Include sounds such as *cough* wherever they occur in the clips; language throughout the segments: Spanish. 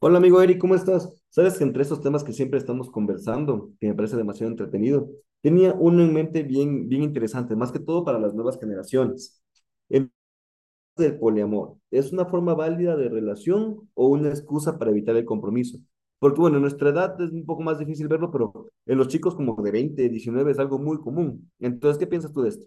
Hola amigo Eric, ¿cómo estás? Sabes que entre esos temas que siempre estamos conversando, que me parece demasiado entretenido, tenía uno en mente bien, bien interesante, más que todo para las nuevas generaciones. El del poliamor, ¿es una forma válida de relación o una excusa para evitar el compromiso? Porque bueno, en nuestra edad es un poco más difícil verlo, pero en los chicos como de 20, 19 es algo muy común. Entonces, ¿qué piensas tú de esto?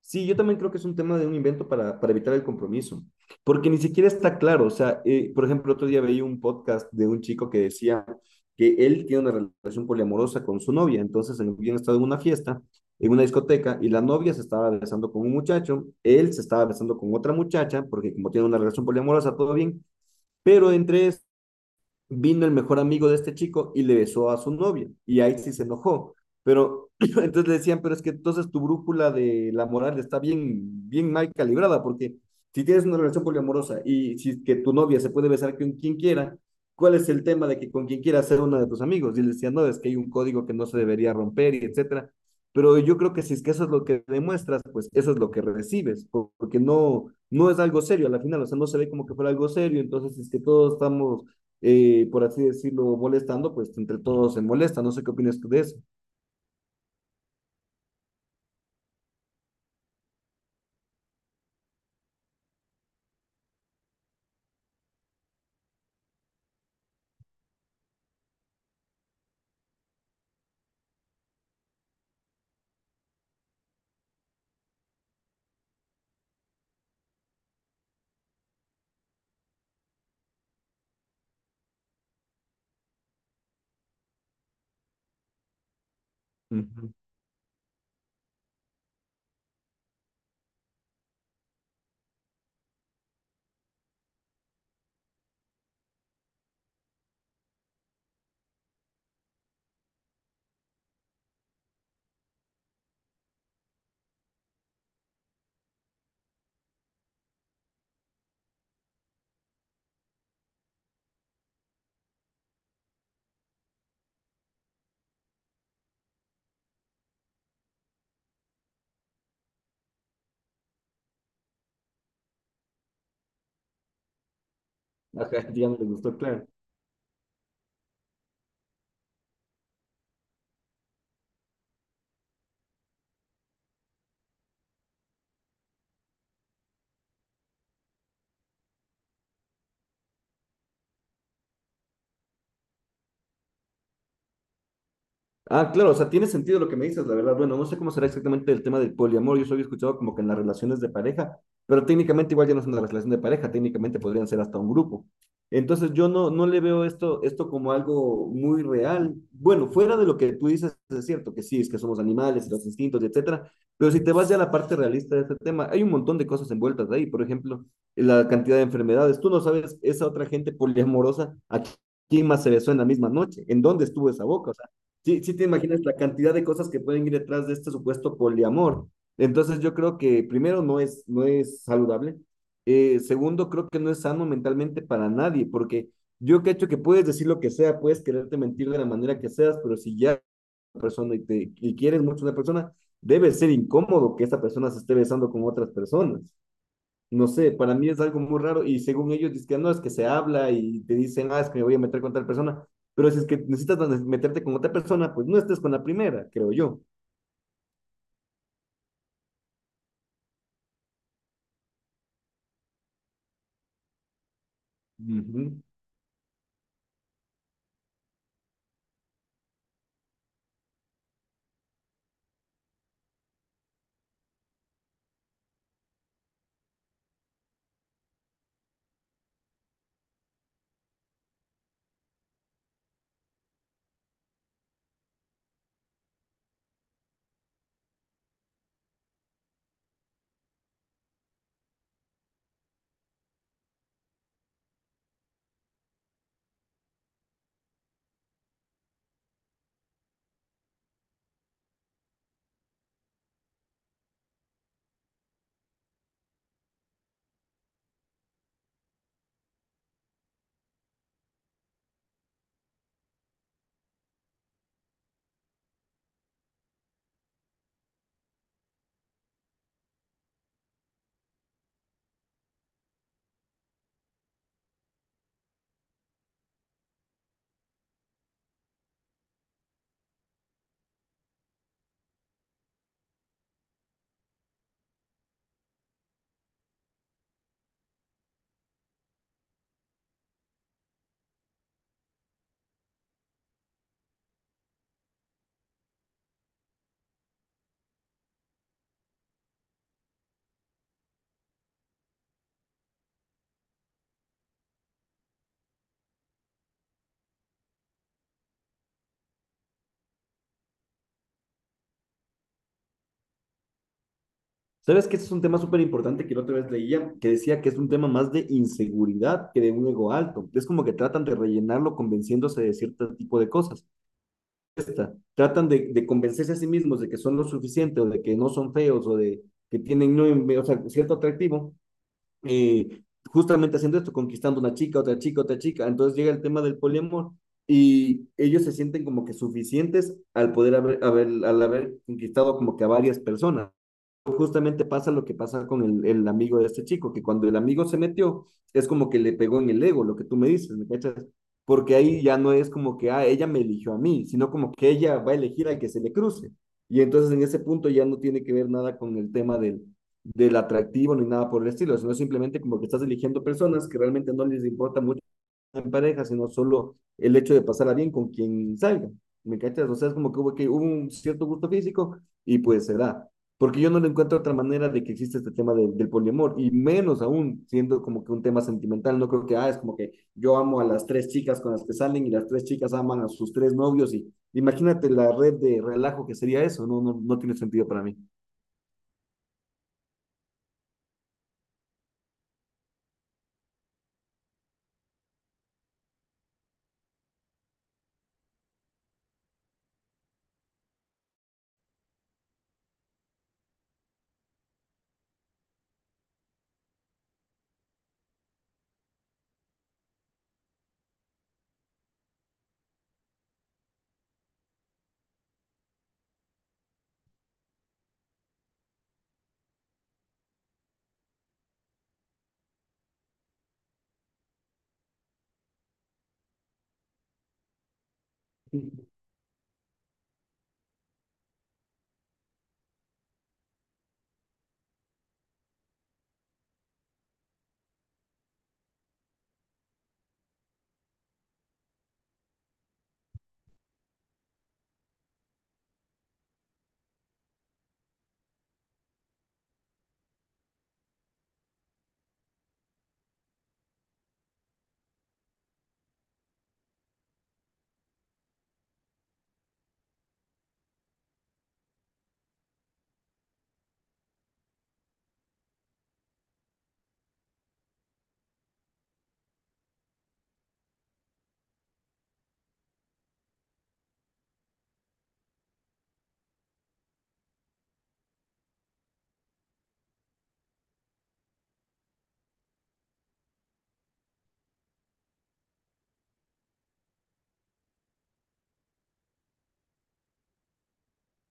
Sí, yo también creo que es un tema de un invento para evitar el compromiso, porque ni siquiera está claro. O sea, por ejemplo, otro día veía un podcast de un chico que decía que él tiene una relación poliamorosa con su novia. Entonces, habían estado en una fiesta, en una discoteca, y la novia se estaba besando con un muchacho, él se estaba besando con otra muchacha, porque como tiene una relación poliamorosa, todo bien, pero entre vino el mejor amigo de este chico y le besó a su novia, y ahí sí se enojó. Pero *clears throat* entonces le decían, pero es que entonces tu brújula de la moral está bien, bien mal calibrada, porque si tienes una relación poliamorosa y si que tu novia se puede besar con quien quiera, ¿cuál es el tema de que con quien quiera ser uno de tus amigos? Y le decían, no, es que hay un código que no se debería romper y etcétera. Pero yo creo que si es que eso es lo que demuestras, pues eso es lo que recibes, porque no, no es algo serio a la final, o sea, no se ve como que fuera algo serio, entonces si es que todos estamos por así decirlo, molestando, pues entre todos se molesta. No sé qué opinas tú de eso. Ujú. *laughs* Ajá, ya no le gustó, claro. Ah, claro, o sea, tiene sentido lo que me dices, la verdad. Bueno, no sé cómo será exactamente el tema del poliamor. Yo solo he escuchado como que en las relaciones de pareja, pero técnicamente igual ya no es una relación de pareja, técnicamente podrían ser hasta un grupo. Entonces yo no, no le veo esto como algo muy real. Bueno, fuera de lo que tú dices, es cierto que sí, es que somos animales, los instintos, etcétera, pero si te vas ya a la parte realista de este tema, hay un montón de cosas envueltas ahí. Por ejemplo, la cantidad de enfermedades. Tú no sabes esa otra gente poliamorosa a quién más se besó en la misma noche, en dónde estuvo esa boca. Sí, sí te imaginas la cantidad de cosas que pueden ir detrás de este supuesto poliamor. Entonces yo creo que primero no es saludable. Segundo, creo que no es sano mentalmente para nadie, porque yo que hecho que puedes decir lo que sea, puedes quererte mentir de la manera que seas, pero si ya eres una persona y quieres mucho a una persona, debe ser incómodo que esta persona se esté besando con otras personas. No sé, para mí es algo muy raro y según ellos dicen, no, es que se habla y te dicen, ah, es que me voy a meter con tal persona, pero si es que necesitas meterte con otra persona, pues no estés con la primera, creo yo. Ujú. ¿Sabes que ese es un tema súper importante que la otra vez leía, que decía que es un tema más de inseguridad que de un ego alto? Es como que tratan de rellenarlo convenciéndose de cierto tipo de cosas. Tratan de convencerse a sí mismos de que son lo suficiente o de que no son feos o de que tienen no, o sea, cierto atractivo, eh, justamente haciendo esto, conquistando una chica, otra chica, otra chica. Entonces llega el tema del poliamor y ellos se sienten como que suficientes al poder haber, al haber conquistado como que a varias personas. Justamente pasa lo que pasa con el amigo de este chico, que cuando el amigo se metió, es como que le pegó en el ego, lo que tú me dices, ¿me cachas? Porque ahí ya no es como que, ah, ella me eligió a mí, sino como que ella va a elegir al que se le cruce. Y entonces en ese punto ya no tiene que ver nada con el tema del atractivo ni nada por el estilo, sino simplemente como que estás eligiendo personas que realmente no les importa mucho en pareja, sino solo el hecho de pasarla bien con quien salga. ¿Me cachas? O sea, es como que hubo un cierto gusto físico y pues se da. Porque yo no le encuentro otra manera de que exista este tema del poliamor, y menos aún siendo como que un tema sentimental. No creo que, ah, es como que yo amo a las tres chicas con las que salen y las tres chicas aman a sus tres novios. Y imagínate la red de relajo que sería eso, no, no, no tiene sentido para mí.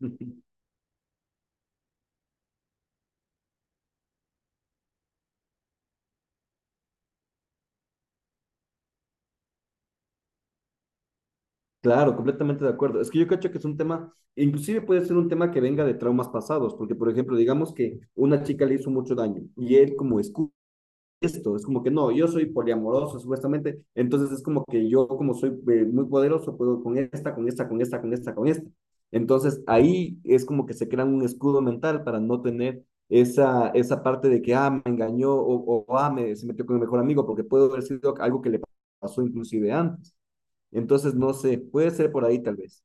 *laughs* Claro, completamente de acuerdo. Es que yo cacho que es un tema, inclusive puede ser un tema que venga de traumas pasados, porque por ejemplo, digamos que una chica le hizo mucho daño y él como escucha esto, es como que no, yo soy poliamoroso supuestamente, entonces es como que yo como soy muy poderoso, puedo con esta, con esta, con esta, con esta, con esta. Entonces ahí es como que se crea un escudo mental para no tener esa parte de que, ah, me engañó o ah, se metió con el mejor amigo, porque puede haber sido algo que le pasó inclusive antes. Entonces, no sé, puede ser por ahí tal vez.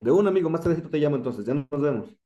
De un amigo, más tardecito te llamo entonces, ya nos vemos.